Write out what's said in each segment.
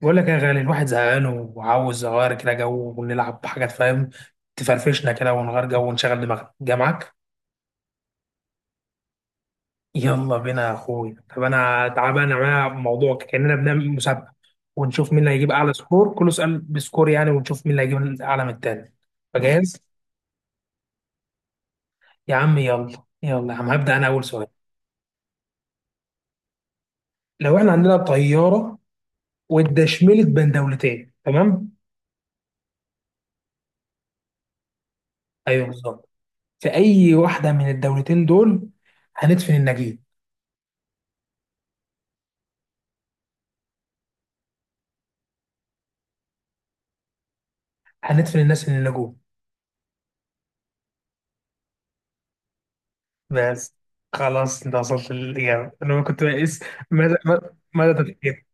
بقول لك يا غالي، الواحد زهقان وعاوز اغير كده جو ونلعب حاجات، فاهم؟ تفرفشنا كده ونغير جو ونشغل دماغنا، جامعك؟ يلا بينا يا اخويا. طب انا تعال بقى نعمل موضوع كاننا بنعمل مسابقه، ونشوف مين اللي هيجيب اعلى سكور، كل سؤال بسكور يعني، ونشوف مين اللي هيجيب اعلى من التاني. فجاهز؟ يا عم يلا. يلا يا عم، هبدا انا اول سؤال. لو احنا عندنا طياره واتدشملت بين دولتين، تمام؟ ايوه بالظبط. في اي واحده من الدولتين دول هندفن النجيب؟ هندفن الناس اللي نجوا؟ بس، خلاص، انت وصلت للإجابة. أنا كنت بقيس مدى مدى مدى تفكير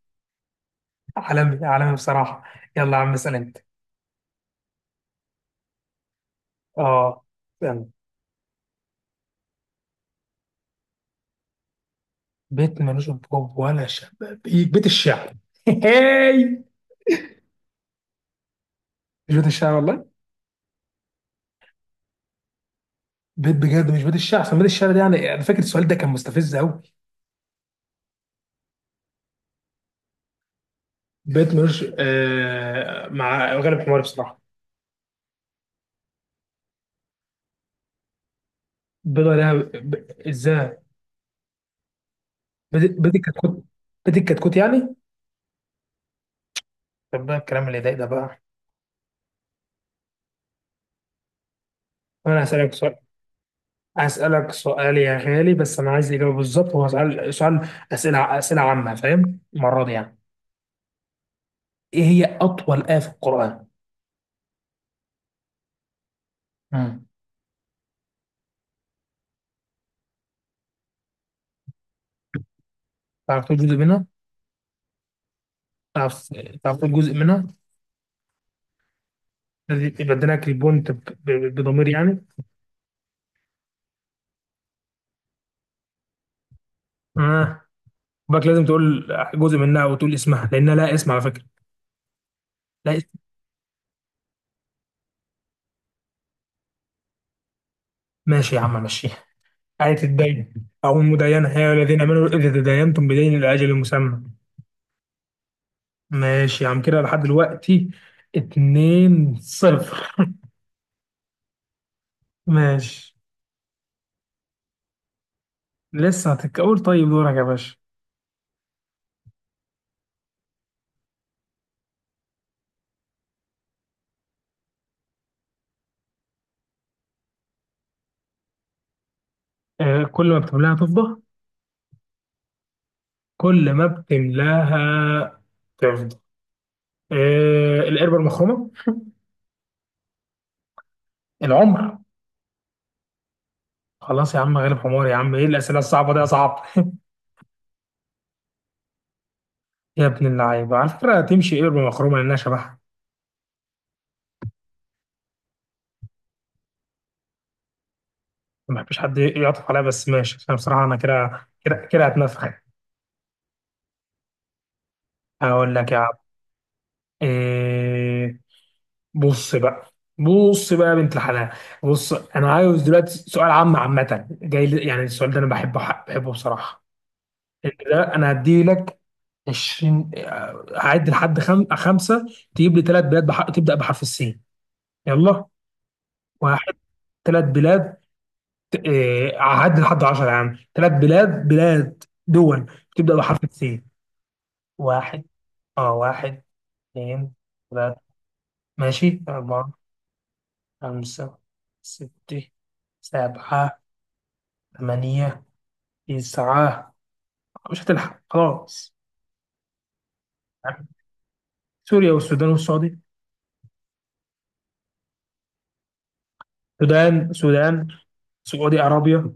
عالمي عالمي بصراحة. يلا يا عم، اسأل أنت. آه. يلا. بيت ملوش أبواب ولا شبابيك؟ بيت الشعر. هاي. مش بيت الشعر والله. بيت بجد مش بيت الشعر؟ عشان بيت الشعر ده، يعني، أنا فاكر السؤال ده كان مستفز أوي. بيت ملوش، مع غالب حماري بصراحة. بيضة لها إزاي؟ بيت الكتكوت. بيت الكتكوت يعني. طب بقى الكلام اللي ضايق ده بقى. أنا هسألك سؤال يا غالي. بس أنا عايز الإجابة بالظبط. هو سؤال، أسئلة عامة، فاهم المرة دي يعني؟ إيه هي أطول آية في القرآن؟ مم. تعرف تقول جزء منها؟ تعرف تعرف تقول جزء منها؟ الذي بدلك البونت بضمير يعني؟ آه. باك لازم تقول جزء منها وتقول اسمها، لأنها لا اسم على فكرة. لا اسم. ماشي يا عم، ماشي. آية الدين، أو المداينة، يا الذين آمنوا إذا تداينتم بدين إلى أجل مسمى. ماشي يا عم، كده لحد دلوقتي 2 صفر. ماشي. لسه هتتقول. طيب دورك يا باشا. آه، كل ما بتملاها تفضى. كل ما بتملاها تفضى. آه، القربة المخرومة. العمر. خلاص يا عم، غالب حمار يا عم. ايه الأسئلة الصعبة دي يا صعب؟ يا ابن اللعيبة، على فكرة تمشي قربة مخرومة لأنها شبهها. ما بحبش حد يعطف عليها، بس ماشي، عشان بصراحة أنا كده كده كده هتنفخ يعني. هقول لك يا عم. آه بص بقى. بص بقى يا بنت الحلال. بص، انا عايز دلوقتي سؤال عام، عامه، يعني السؤال ده انا بحبه بصراحه. انت ده انا هدي لك 20، هعد لحد خمسه. تجيب لي ثلاث بلاد تبدا بحرف السين. يلا. واحد، ثلاث بلاد، هعد لحد 10 يا عم. ثلاث بلاد دول بتبدا بحرف السين. واحد. اه. واحد، اثنين، ثلاثة. ماشي. أربعة، خمسة، ستة، سبعة، ثمانية، تسعة. مش هتلحق، خلاص. سوريا والسودان والسعودية. السودان. سعودي عربية.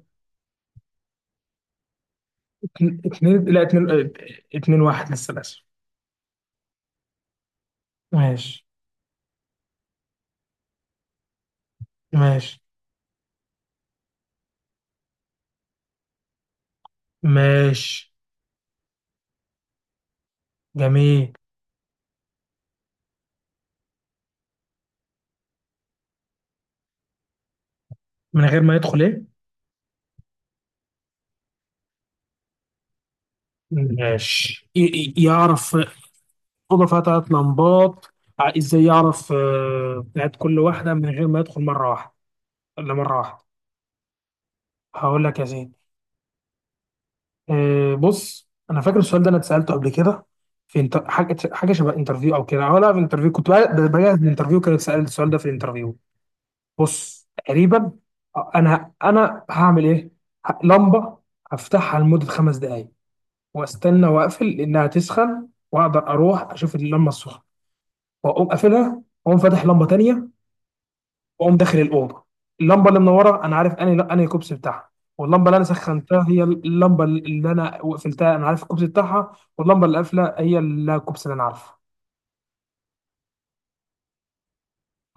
اتنين، لا، اتنين. اتنين واحد لسه للأسف. ماشي. ماشي. ماشي. جميل. من غير ما يدخل ايه؟ ماشي، يعرف. أوضة فيها تلات لمبات، ازاي يعرف بتاعت كل واحدة من غير ما يدخل مرة واحدة؟ ولا مرة واحدة. هقول لك يا سيدي. بص، أنا فاكر السؤال ده، أنا اتسألته قبل كده. في حاجة شبه انترفيو، أو كده، أو لا، في انترفيو، كنت بجهز الانترفيو، كان اتسأل السؤال ده في الانترفيو. بص تقريبا، انا هعمل ايه. لمبه هفتحها لمده خمس دقائق، واستنى واقفل لانها تسخن، واقدر اروح اشوف اللمبه السخنه، واقوم قافلها، واقوم فاتح لمبه تانية، واقوم داخل الاوضه. اللمبه اللي منوره انا عارف انهي كوبس بتاعها، واللمبه اللي انا سخنتها هي اللمبه اللي انا وقفلتها، انا عارف الكوبس بتاعها، واللمبه اللي قافله هي الكوبس اللي انا عارفه.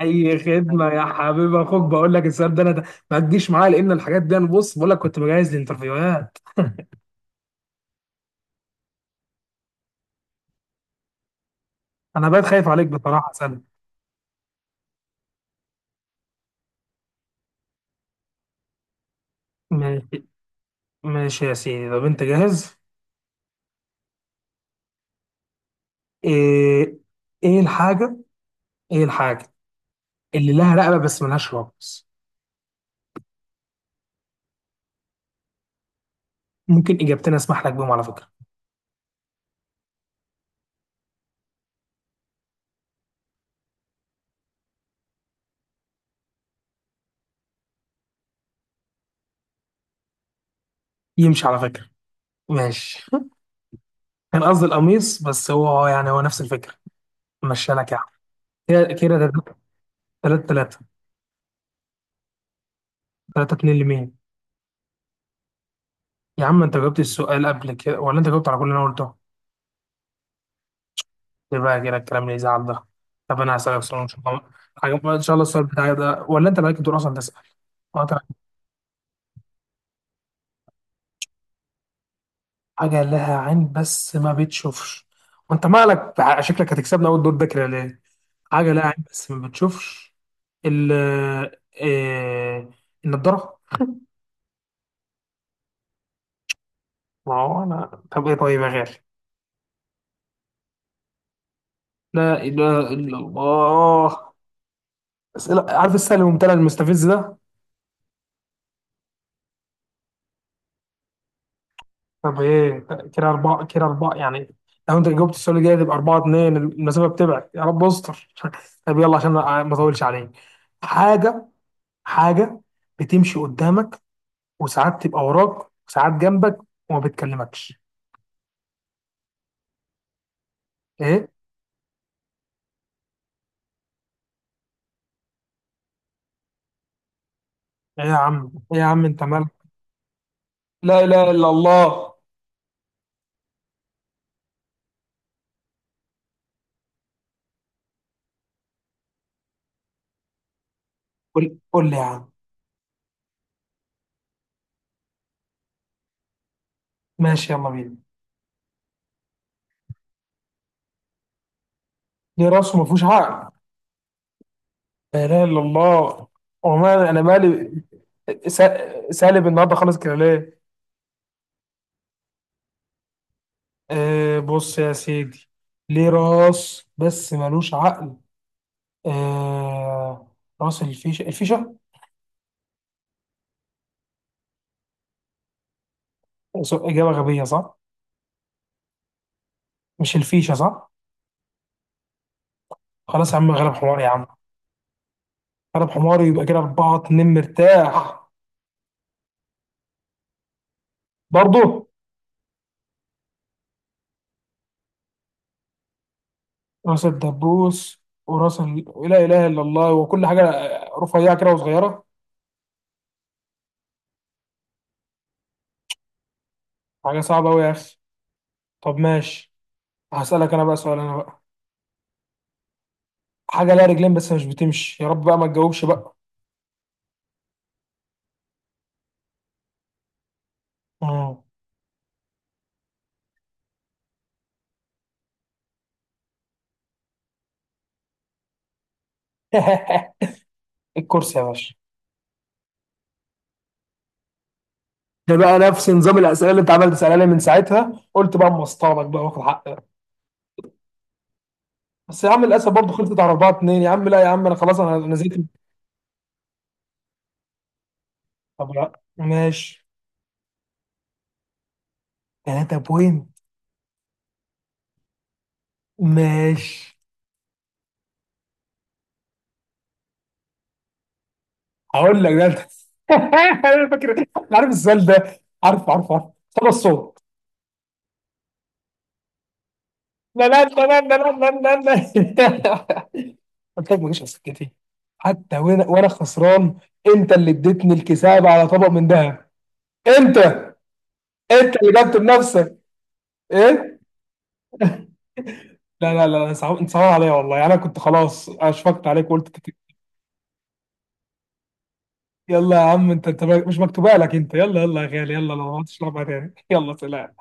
اي خدمه يا حبيب اخوك. بقول لك السؤال ده انا ده، ما تجيش معايا، لان الحاجات دي، انا بص بقول لك، كنت بجهز الانترفيوهات. انا بقيت خايف عليك بصراحه، سنة. ماشي. ماشي يا سيدي. طب انت جاهز؟ ايه ايه الحاجه اللي لها رقبه بس ملهاش رأس؟ ممكن اجابتين اسمح لك بيهم على فكره. يمشي على فكره. ماشي. كان قصدي القميص، بس هو يعني هو نفس الفكره، مشي لك يعني. كده 3، 3، 3 2 لمين؟ يا عم، انت جاوبت السؤال قبل كده، ولا انت جاوبت على كل اللي انا قلته؟ ليه بقى كده الكلام اللي يزعل ده؟ طب انا هسألك سؤال ان شاء الله. ان شاء الله السؤال بتاعي ده، ولا انت مالك دور اصلا تسأل؟ قطع. حاجة لها عين بس ما بتشوفش. وانت مالك، شكلك هتكسبنا اول دور ده كده، ليه؟ حاجة لها عين بس ما بتشوفش. ال إيه... النضارة. ما هو انا، طب ايه، طيب يا غالي. لا اله الا الله. اسئله عارف، السهل الممتنع المستفز ده. طب ايه. كده اربعه، كده اربعه يعني. لو انت جاوبت السؤال الجاي تبقى اربعه اتنين، المسافه بتبعد، يا رب استر. طب يلا عشان ما اطولش عليك. حاجه حاجه بتمشي قدامك، وساعات تبقى وراك، وساعات جنبك، وما بتكلمكش. ايه ايه يا عم، ايه يا عم، انت مالك؟ لا اله الا الله. قول قول لي يا عم. ماشي يلا بينا. ليه راس وما فيهوش عقل؟ لا اله الا الله، وما انا مالي؟ سالب النهارده خالص، كده ليه؟ بص يا سيدي. ليه راس بس ملوش عقل. آه، راس الفيشة. الفيشة. إجابة غبية صح؟ مش الفيشة صح؟ خلاص يا عم، غلب حمار يا عم، غلب حمار، يبقى كده أربعة اتنين مرتاح. برضه راس الدبوس وراس لا إله إلا الله، وكل حاجة رفيعة كده وصغيرة. حاجة صعبة أوي يا أخي. طب ماشي. هسألك أنا بقى سؤال، أنا بقى. حاجة لها رجلين بس مش بتمشي، يا رب بقى ما تجاوبش بقى. مم. الكرسي يا باشا. ده بقى نفس نظام الاسئله اللي انت عمال تسالها لي، من ساعتها قلت بقى اما اصطادك بقى واخد حقك. بس يا عم للاسف برضه خلصت على 4 2 يا عم. لا يا عم انا خلاص، انا نزلت. طب لا، ماشي. 3 بوينت. ماشي. هقول لك ده انت. انا فاكر، انا عارف السؤال ده. عارف، عارف، عارف. صدى الصوت. لا لا لا لا لا لا لا لا. قلت لك ماليش على سكتي. حتى وانا خسران. انت اللي اديتني الكساب على طبق من ذهب. انت انت اللي جبت بنفسك. ايه. لا لا لا، صعب، انت صعب عليا والله يعني. انا كنت خلاص اشفقت عليك وقلت يلا يا عم. انت مش مكتوبه لك. انت يلا يلا يا غالي. يلا لو ما عدتش تلعبها تاني. يلا سلام.